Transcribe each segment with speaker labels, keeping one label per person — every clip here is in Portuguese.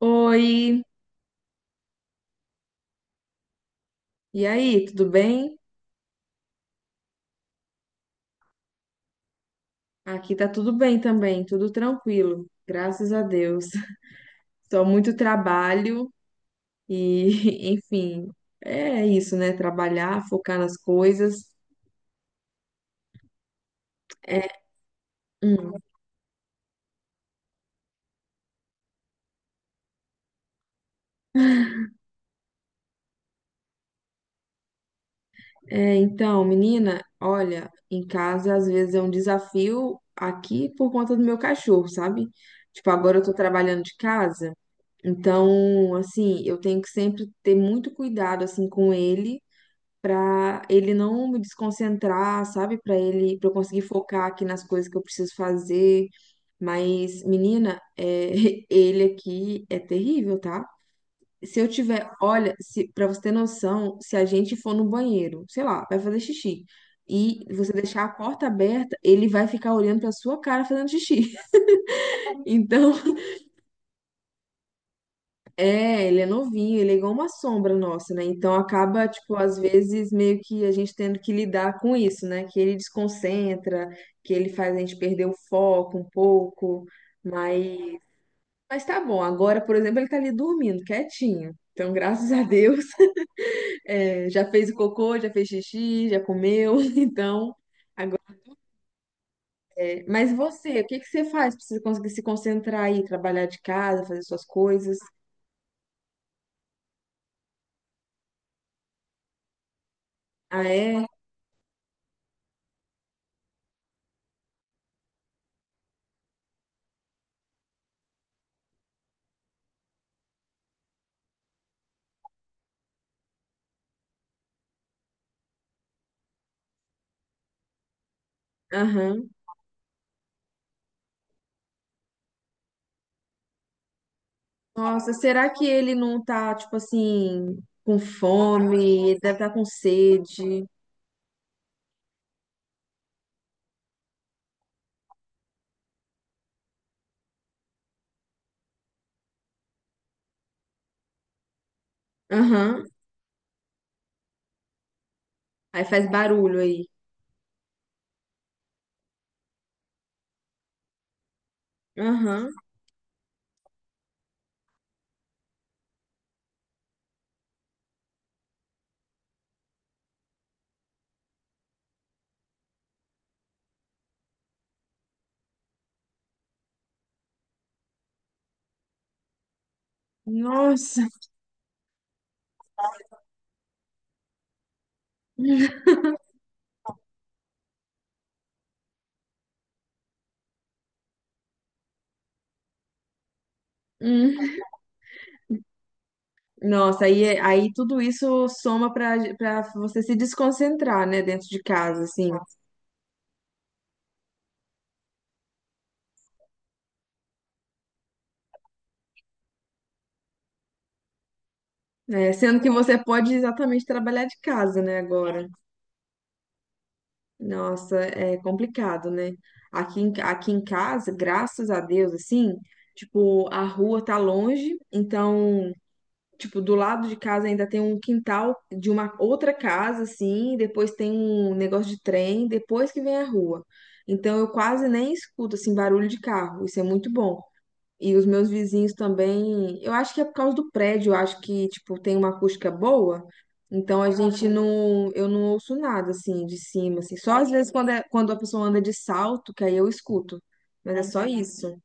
Speaker 1: Oi, e aí, tudo bem? Aqui tá tudo bem também, tudo tranquilo, graças a Deus. Só muito trabalho e, enfim, é isso, né? Trabalhar, focar nas coisas. É, hum, então, menina, olha, em casa às vezes é um desafio aqui por conta do meu cachorro, sabe? Tipo, agora eu tô trabalhando de casa, então, assim, eu tenho que sempre ter muito cuidado, assim, com ele para ele não me desconcentrar, sabe? Para ele, para eu conseguir focar aqui nas coisas que eu preciso fazer. Mas, menina, é, ele aqui é terrível, tá? Se eu tiver, olha, se, para você ter noção, se a gente for no banheiro, sei lá, vai fazer xixi e você deixar a porta aberta, ele vai ficar olhando para sua cara fazendo xixi. Então, é, ele é novinho, ele é igual uma sombra nossa, né? Então acaba, tipo, às vezes meio que a gente tendo que lidar com isso, né? Que ele desconcentra, que ele faz a gente perder o foco um pouco, mas, mas tá bom. Agora, por exemplo, ele tá ali dormindo, quietinho. Então, graças a Deus, é, já fez o cocô, já fez xixi, já comeu, então. Mas você, o que que você faz pra você conseguir se concentrar aí, trabalhar de casa, fazer suas coisas? Ah, é? Aham. Nossa, será que ele não tá, tipo assim, com fome? Ele deve estar com sede. Aham. Aí faz barulho aí. Aham. Nossa. Hum. Nossa, aí tudo isso soma pra você se desconcentrar, né, dentro de casa, assim. É, sendo que você pode exatamente trabalhar de casa, né, agora. Nossa, é complicado, né? Aqui em casa, graças a Deus, assim, tipo, a rua tá longe, então. Tipo, do lado de casa ainda tem um quintal de uma outra casa, assim, depois tem um negócio de trem, depois que vem a rua. Então eu quase nem escuto, assim, barulho de carro. Isso é muito bom. E os meus vizinhos também, eu acho que é por causa do prédio, eu acho que, tipo, tem uma acústica boa. Então a gente não, eu não ouço nada assim de cima, assim. Só às vezes quando, é, quando a pessoa anda de salto, que aí eu escuto. Mas é só isso.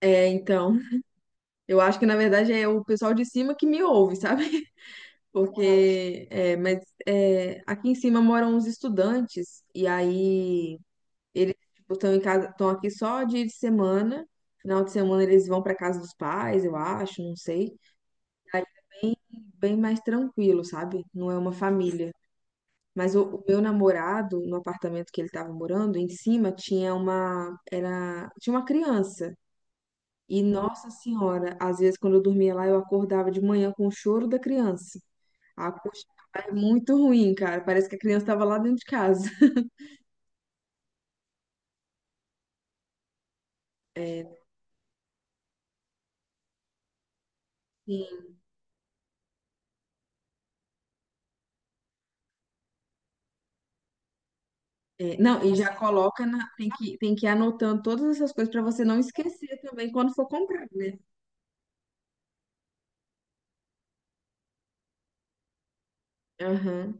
Speaker 1: É, então, eu acho que na verdade é o pessoal de cima que me ouve, sabe? Porque, mas aqui em cima moram uns estudantes, e aí eles tipo, estão em casa, estão aqui só dia de semana. Final de semana eles vão para casa dos pais, eu acho, não sei. Aí bem mais tranquilo, sabe? Não é uma família. Mas o meu namorado, no apartamento que ele estava morando, em cima tinha uma criança. E, nossa senhora, às vezes quando eu dormia lá, eu acordava de manhã com o choro da criança. A acústica é muito ruim, cara. Parece que a criança estava lá dentro de casa. É, sim. É, não, e já coloca na. Tem que ir anotando todas essas coisas para você não esquecer também quando for comprar, né? Aham,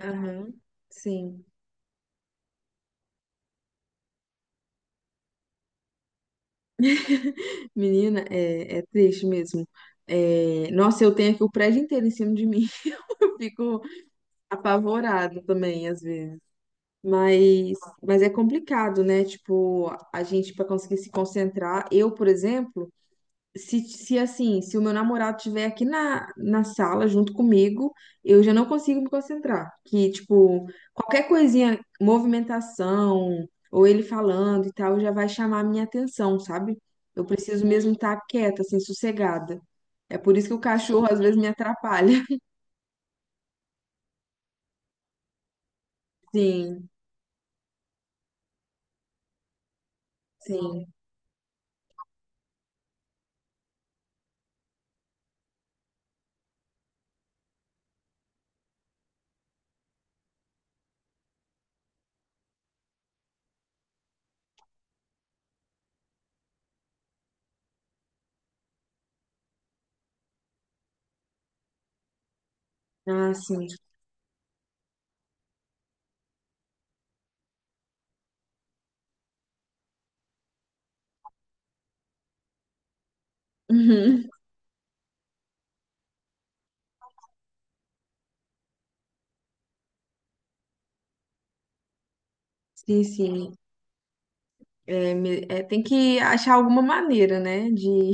Speaker 1: aham. Sim. Menina, é, é triste mesmo. É, nossa, eu tenho aqui o prédio inteiro em cima de mim. Eu fico apavorada também, às vezes. Mas é complicado, né? Tipo, a gente para conseguir se concentrar. Eu, por exemplo. Se assim, se o meu namorado estiver aqui na sala junto comigo, eu já não consigo me concentrar. Que, tipo, qualquer coisinha, movimentação, ou ele falando e tal, já vai chamar a minha atenção, sabe? Eu preciso mesmo estar quieta, assim, sossegada. É por isso que o cachorro às vezes me atrapalha. Sim, sim. Ah, sim. Uhum. Sim, sim. É, tem que achar alguma maneira, né, de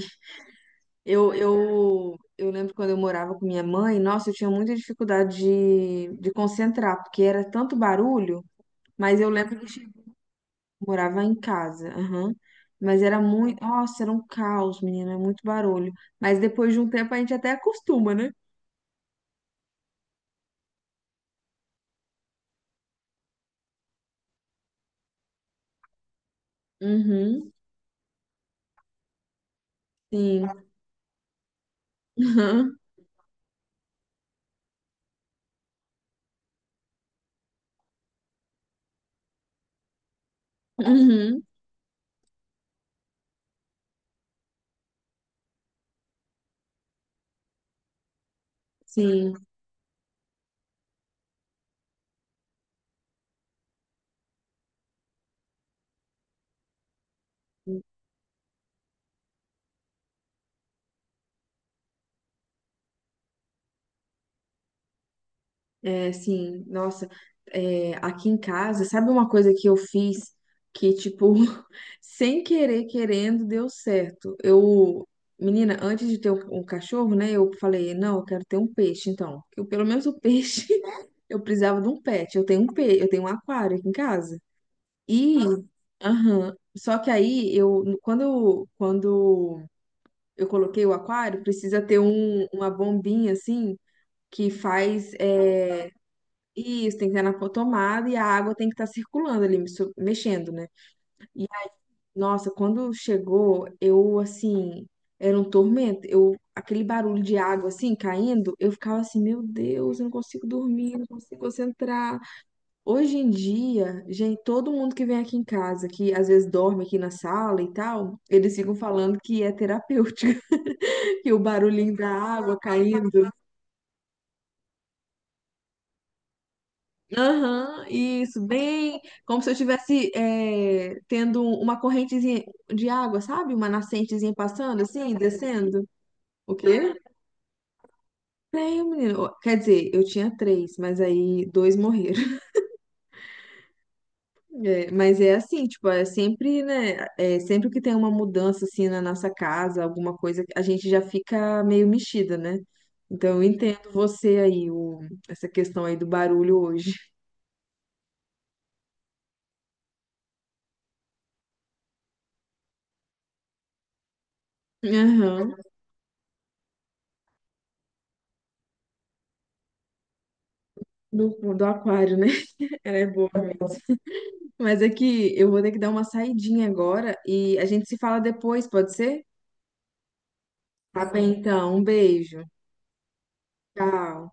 Speaker 1: eu lembro quando eu morava com minha mãe, nossa, eu tinha muita dificuldade de concentrar, porque era tanto barulho, mas eu lembro que morava em casa, aham. Mas era muito, nossa, era um caos, menina, muito barulho. Mas depois de um tempo a gente até acostuma, né? Uhum, sim. Aham, Uhum, sim. É, sim, nossa, aqui em casa, sabe uma coisa que eu fiz que, tipo, sem querer, querendo, deu certo? Eu, menina, antes de ter um cachorro, né, eu falei, não, eu quero ter um peixe, então. Eu, pelo menos o peixe, eu precisava de um pet. Eu tenho eu tenho um aquário aqui em casa. E, aham, só que aí, quando eu coloquei o aquário, precisa ter uma bombinha, assim, que faz, isso, tem que estar na tomada e a água tem que estar circulando ali, mexendo, né? E, nossa, quando chegou, eu, assim, era um tormento. Eu, aquele barulho de água, assim, caindo, eu ficava assim, meu Deus, eu não consigo dormir, não consigo concentrar. Hoje em dia, gente, todo mundo que vem aqui em casa, que às vezes dorme aqui na sala e tal, eles ficam falando que é terapêutico, que o barulhinho da água caindo. Aham, isso, bem como se eu estivesse é, tendo uma correntezinha de água, sabe? Uma nascentezinha passando, assim, descendo. O quê? Tenho, menino. Quer dizer, eu tinha três, mas aí dois morreram. É, mas é assim, tipo, é sempre, né? É sempre que tem uma mudança, assim, na nossa casa, alguma coisa, a gente já fica meio mexida, né? Então eu entendo você aí, essa questão aí do barulho hoje. Aham, do, do aquário, né? Ela é boa. Mas é que eu vou ter que dar uma saidinha agora e a gente se fala depois, pode ser? Tá bem, então. Um beijo. Tchau.